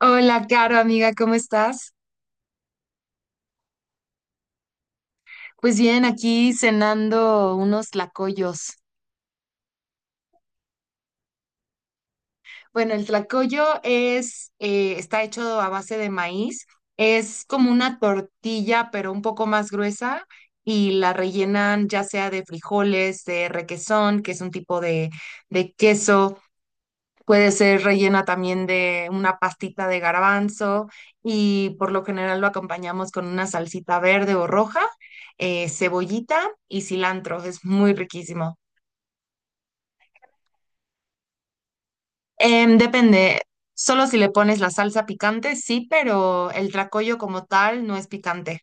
Hola, Caro, amiga, ¿cómo estás? Pues bien, aquí cenando unos tlacoyos. Bueno, el tlacoyo está hecho a base de maíz. Es como una tortilla, pero un poco más gruesa y la rellenan ya sea de frijoles, de requesón, que es un tipo de queso. Puede ser rellena también de una pastita de garbanzo y por lo general lo acompañamos con una salsita verde o roja, cebollita y cilantro. Es muy riquísimo. Depende, solo si le pones la salsa picante, sí, pero el tracollo como tal no es picante.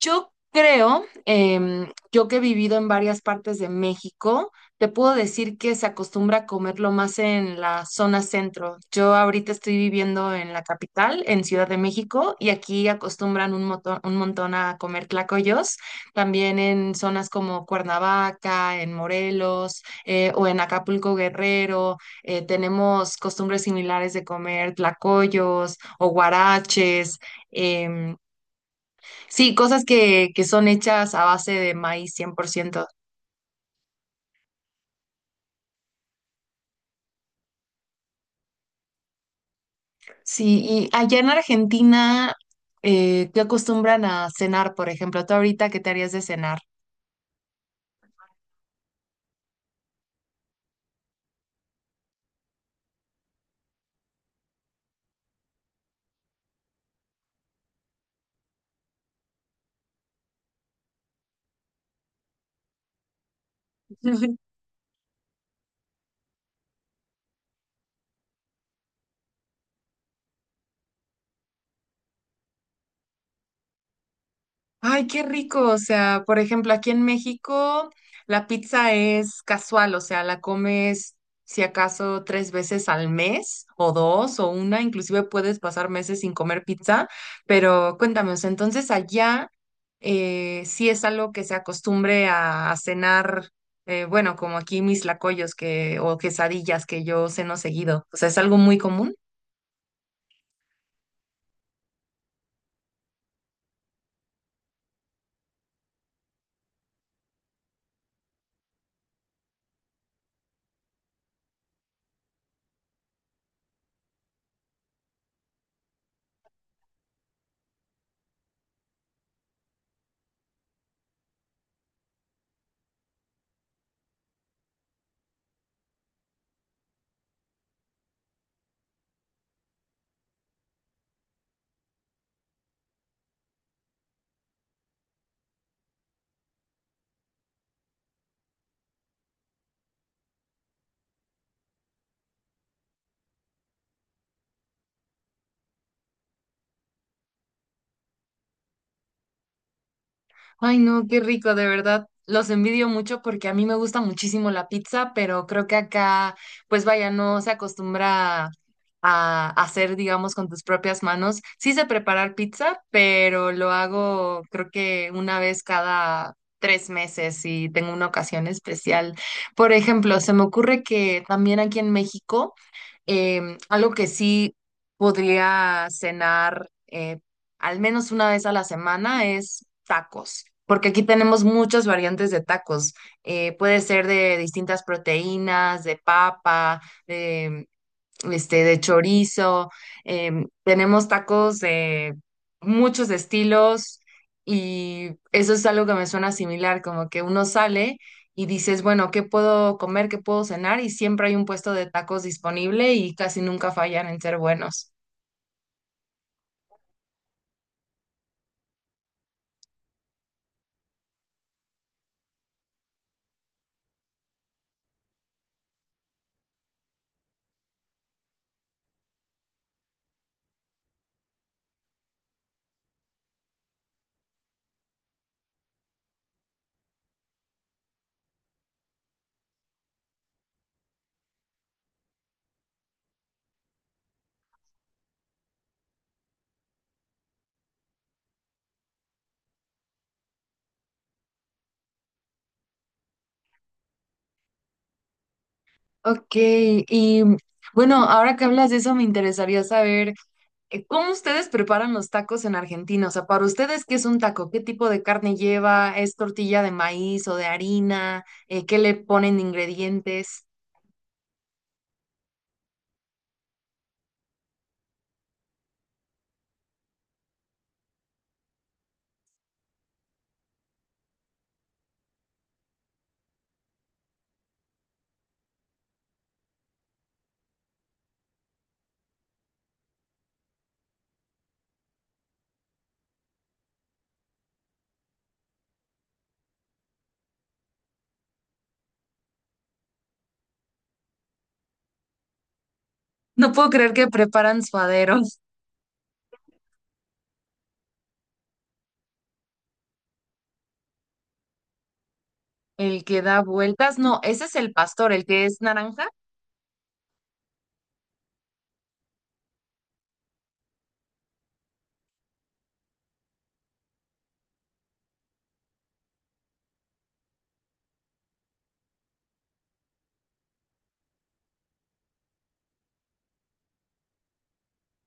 Yo creo, yo que he vivido en varias partes de México, te puedo decir que se acostumbra a comerlo más en la zona centro. Yo ahorita estoy viviendo en la capital, en Ciudad de México, y aquí acostumbran un montón a comer tlacoyos, también en zonas como Cuernavaca, en Morelos, o en Acapulco Guerrero. Tenemos costumbres similares de comer tlacoyos o guaraches. Sí, cosas que son hechas a base de maíz 100%. Sí, y allá en Argentina, ¿qué acostumbran a cenar, por ejemplo? ¿Tú ahorita qué te harías de cenar? Ay, qué rico. O sea, por ejemplo, aquí en México la pizza es casual, o sea, la comes si acaso tres veces al mes o dos o una, inclusive puedes pasar meses sin comer pizza, pero cuéntame, o sea, entonces allá, sí es algo que se acostumbre a cenar. Bueno, como aquí mis lacoyos que, o quesadillas que yo ceno seguido, o sea, es algo muy común. Ay, no, qué rico, de verdad. Los envidio mucho porque a mí me gusta muchísimo la pizza, pero creo que acá, pues vaya, no se acostumbra a hacer, digamos, con tus propias manos. Sí sé preparar pizza, pero lo hago creo que una vez cada tres meses y tengo una ocasión especial. Por ejemplo, se me ocurre que también aquí en México, algo que sí podría cenar, al menos una vez a la semana, es tacos, porque aquí tenemos muchas variantes de tacos. Puede ser de distintas proteínas, de papa, este, de chorizo, tenemos tacos de muchos estilos y eso es algo que me suena similar, como que uno sale y dices, bueno, ¿qué puedo comer? ¿Qué puedo cenar? Y siempre hay un puesto de tacos disponible y casi nunca fallan en ser buenos. Ok, y bueno, ahora que hablas de eso, me interesaría saber, ¿cómo ustedes preparan los tacos en Argentina? O sea, para ustedes, ¿qué es un taco? ¿Qué tipo de carne lleva? ¿Es tortilla de maíz o de harina? ¿Qué le ponen de ingredientes? No puedo creer que preparan suadero. ¿El que da vueltas? No, ese es el pastor, el que es naranja.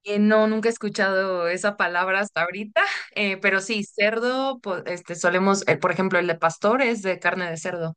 No, nunca he escuchado esa palabra hasta ahorita, pero sí, cerdo, este, solemos, por ejemplo, el de pastor es de carne de cerdo.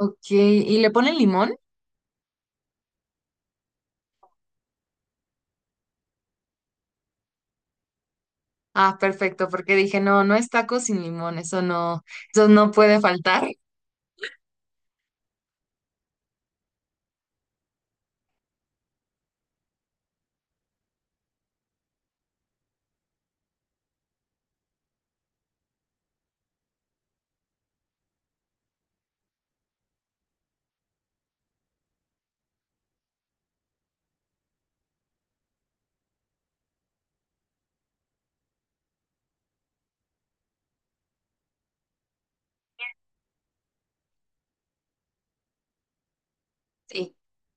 Ok, ¿y le ponen limón? Ah, perfecto, porque dije, no, no es taco sin limón, eso no puede faltar. Sí.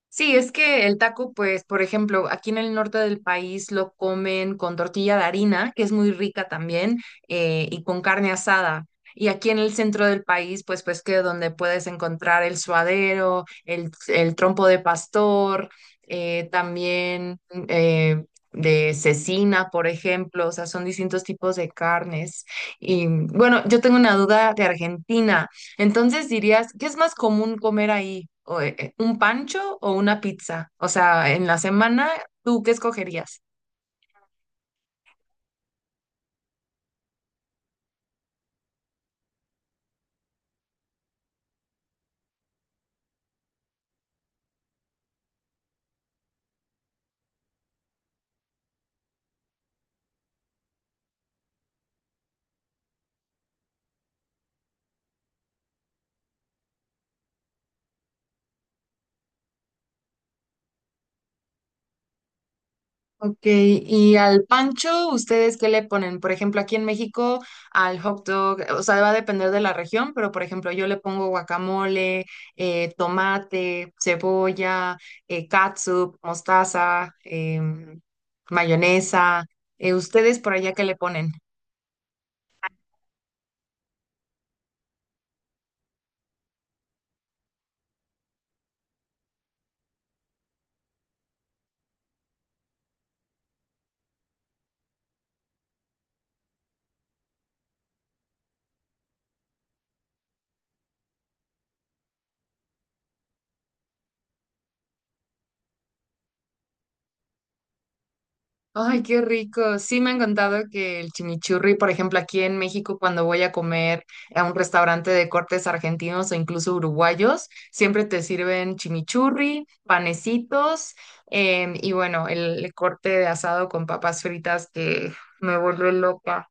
Sí, es que el taco, pues, por ejemplo, aquí en el norte del país lo comen con tortilla de harina, que es muy rica también, y con carne asada. Y aquí en el centro del país, pues, pues que donde puedes encontrar el suadero, el trompo de pastor, también eh, de cecina, por ejemplo, o sea, son distintos tipos de carnes. Y bueno, yo tengo una duda de Argentina. Entonces dirías, ¿qué es más común comer ahí? ¿O, Un pancho o una pizza? O sea, en la semana, ¿tú qué escogerías? Ok, y al pancho, ¿ustedes qué le ponen? Por ejemplo, aquí en México, al hot dog, o sea, va a depender de la región, pero por ejemplo, yo le pongo guacamole, tomate, cebolla, catsup, mostaza, mayonesa. ¿Ustedes por allá qué le ponen? Ay, qué rico. Sí, me han contado que el chimichurri, por ejemplo, aquí en México, cuando voy a comer a un restaurante de cortes argentinos o incluso uruguayos, siempre te sirven chimichurri, panecitos, y bueno, el corte de asado con papas fritas que me vuelve loca.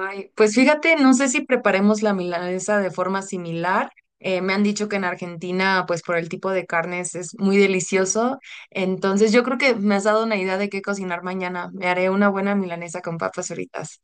Ay, pues fíjate, no sé si preparemos la milanesa de forma similar. Me han dicho que en Argentina, pues por el tipo de carnes es muy delicioso. Entonces yo creo que me has dado una idea de qué cocinar mañana. Me haré una buena milanesa con papas fritas.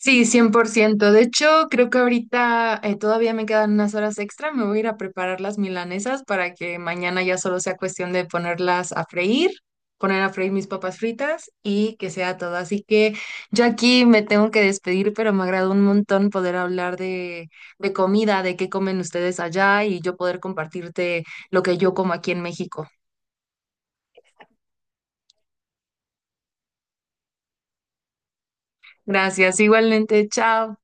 Sí, 100%. De hecho, creo que ahorita todavía me quedan unas horas extra. Me voy a ir a preparar las milanesas para que mañana ya solo sea cuestión de ponerlas a freír, poner a freír mis papas fritas y que sea todo. Así que yo aquí me tengo que despedir, pero me agradó un montón poder hablar de comida, de qué comen ustedes allá y yo poder compartirte lo que yo como aquí en México. Gracias, igualmente, chao.